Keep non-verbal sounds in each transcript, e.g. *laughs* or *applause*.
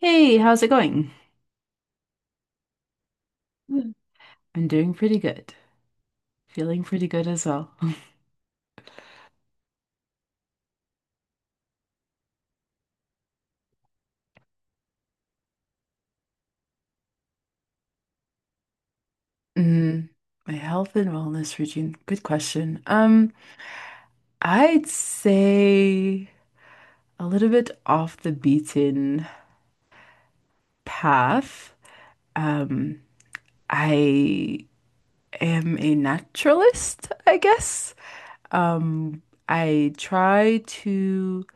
Hey, how's it going? Mm. I'm doing pretty good. Feeling pretty good as well. *laughs* Mm, my health and wellness routine. Good question. I'd say a little bit off the beaten path. Um, I am a naturalist, I guess. Um, I try to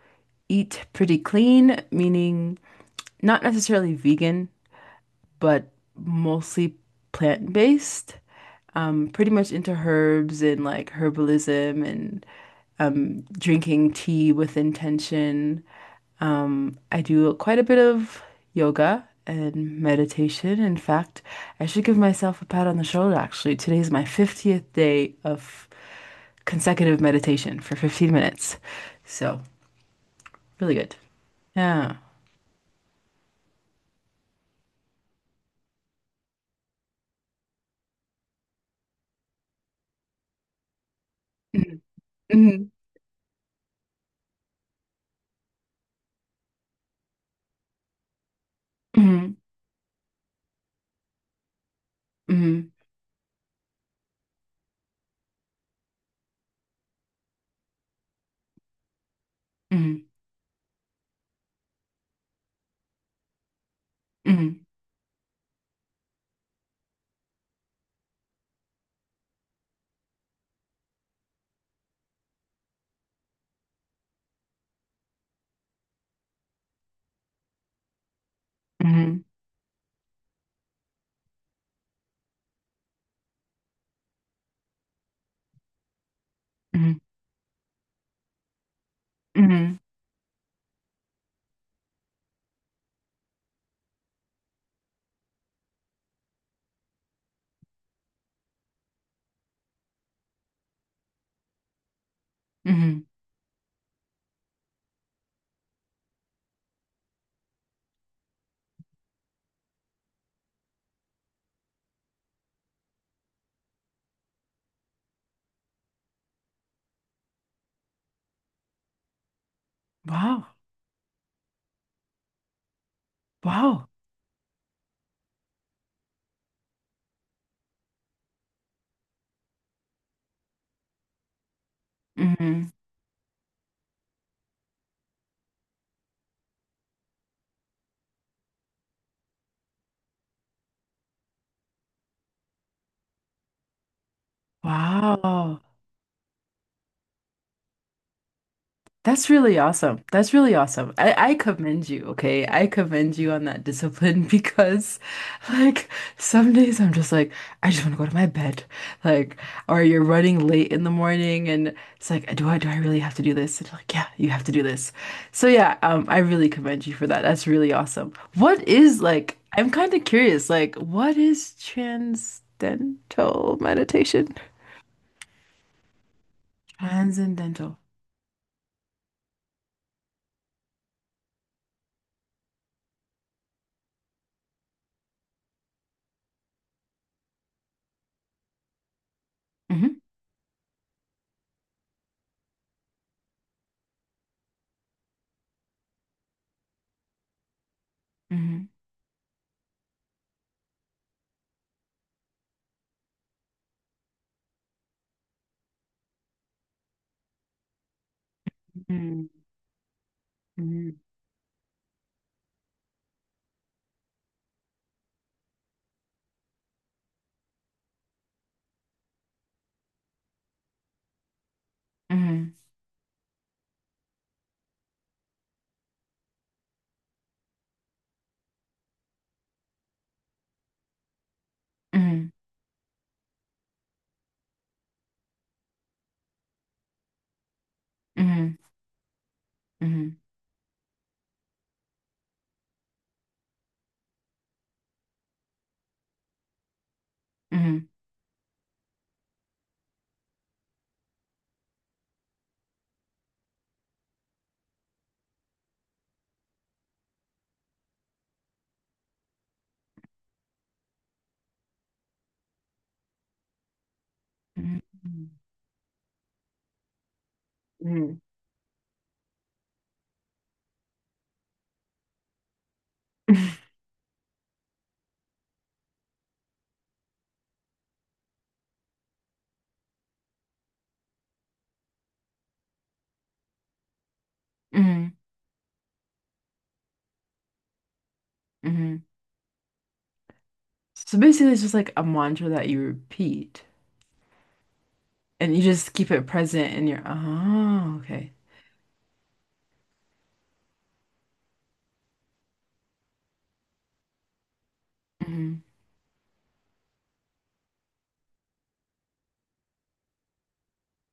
eat pretty clean, meaning not necessarily vegan, but mostly plant-based. Pretty much into herbs and like herbalism and drinking tea with intention. I do quite a bit of yoga and meditation. In fact, I should give myself a pat on the shoulder, actually. Today's my 50th day of consecutive meditation for 15 minutes. So, really good. Yeah. Mhm, mhm, mhm, mhm, mhm, mhm, mhm. Mhm. Mhm. Mhm. Wow. Wow. Mhm. Wow. That's really awesome. That's really awesome. I commend you, okay? I commend you on that discipline *laughs* because, like, some days I'm just like, I just want to go to my bed. Like, or you're running late in the morning and it's like, do I really have to do this? And you're like, yeah, you have to do this. So yeah, I really commend you for that. That's really awesome. What is like, I'm kind of curious, like, what is transcendental meditation? Transcendental. Hmm. Hmm. Mm, Mhm. Mhm. Mhm, mhm, mhm, mhm, mhm, mhm, mhm, *laughs* mhm. Mhm. So basically, it's just like a mantra that you repeat and you just keep it present in your, oh, okay. Hmm.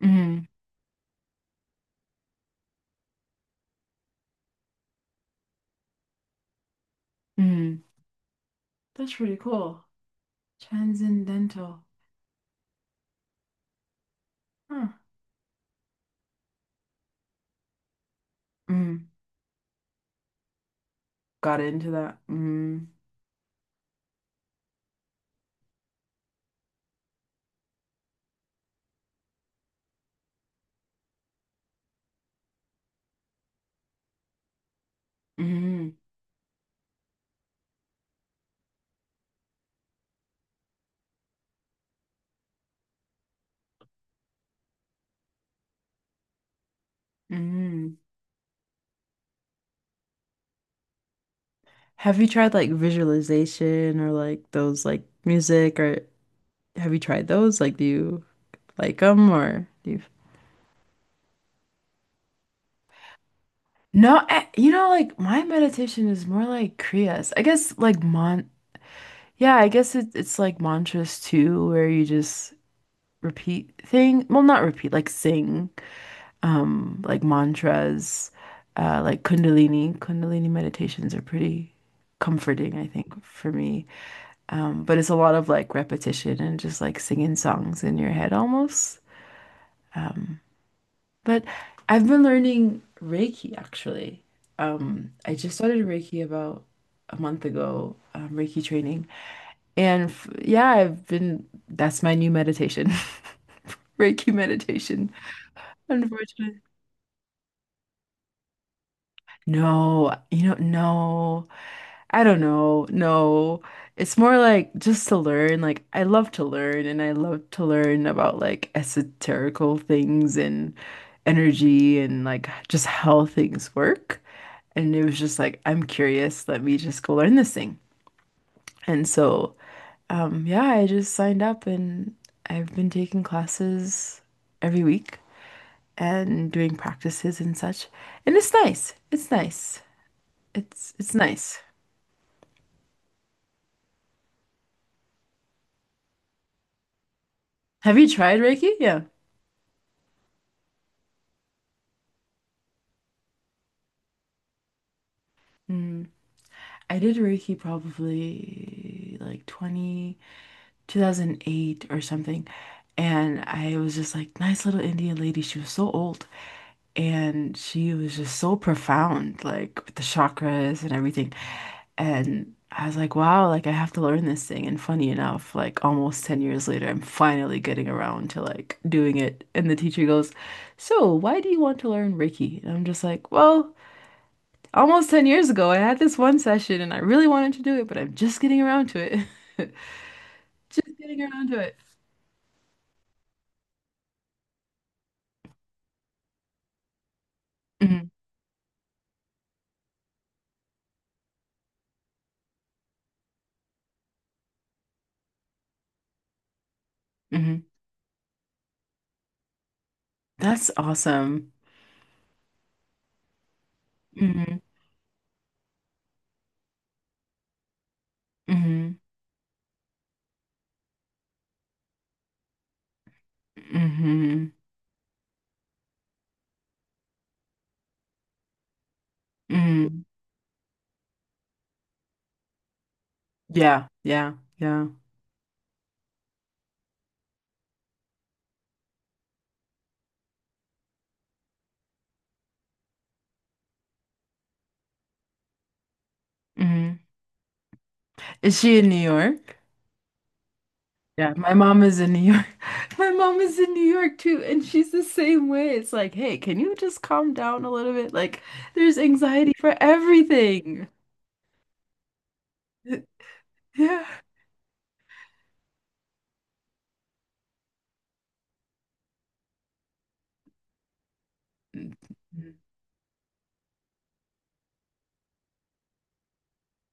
Hmm. Hmm. That's pretty cool. Transcendental. Huh. Mm. Got into that. Mm. Hmm. Hmm. Have you tried like visualization or like those like music or have you tried those? Like, do you like them or do you? No, I, like my meditation is more like kriyas. I guess like mon yeah, I guess it's like mantras too, where you just repeat thing. Well, not repeat, like sing, like mantras, like Kundalini. Kundalini meditations are pretty comforting, I think, for me. But it's a lot of like repetition and just like singing songs in your head almost. Um, But I've been learning Reiki actually. I just started Reiki about a month ago, Reiki training. And f yeah, that's my new meditation, *laughs* Reiki meditation, unfortunately. No, no, I don't know. No, it's more like just to learn. Like, I love to learn and I love to learn about like esoterical things and energy and like just how things work. And it was just like, I'm curious, let me just go learn this thing. And so, yeah, I just signed up and I've been taking classes every week and doing practices and such. And it's nice. It's nice. It's nice. Have you tried Reiki? Yeah. Mm. I did Reiki probably like 20 2008 or something. And I was just like, nice little Indian lady. She was so old. And she was just so profound, like with the chakras and everything. And I was like, wow, like I have to learn this thing. And funny enough, like almost 10 years later, I'm finally getting around to like doing it. And the teacher goes, so, why do you want to learn Reiki? And I'm just like, well, almost 10 years ago, I had this one session and I really wanted to do it, but I'm just getting around to it. *laughs* Just getting around to it. Hmm. Hmm. That's awesome. Hmm. Hmm. Hmm. Hmm. Yeah, yeah, yeah. Hmm. Is she in New York? Yeah, my mom is in New York. *laughs* My mom is in New York too, and she's the same way. It's like, hey, can you just calm down a little bit? Like, there's anxiety for everything. *laughs* Yeah.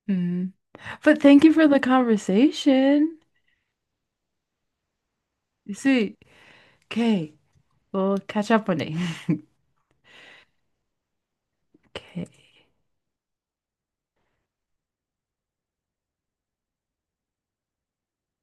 Mhm. But thank you for the conversation. You see, okay, we'll catch up one day. *laughs* Okay.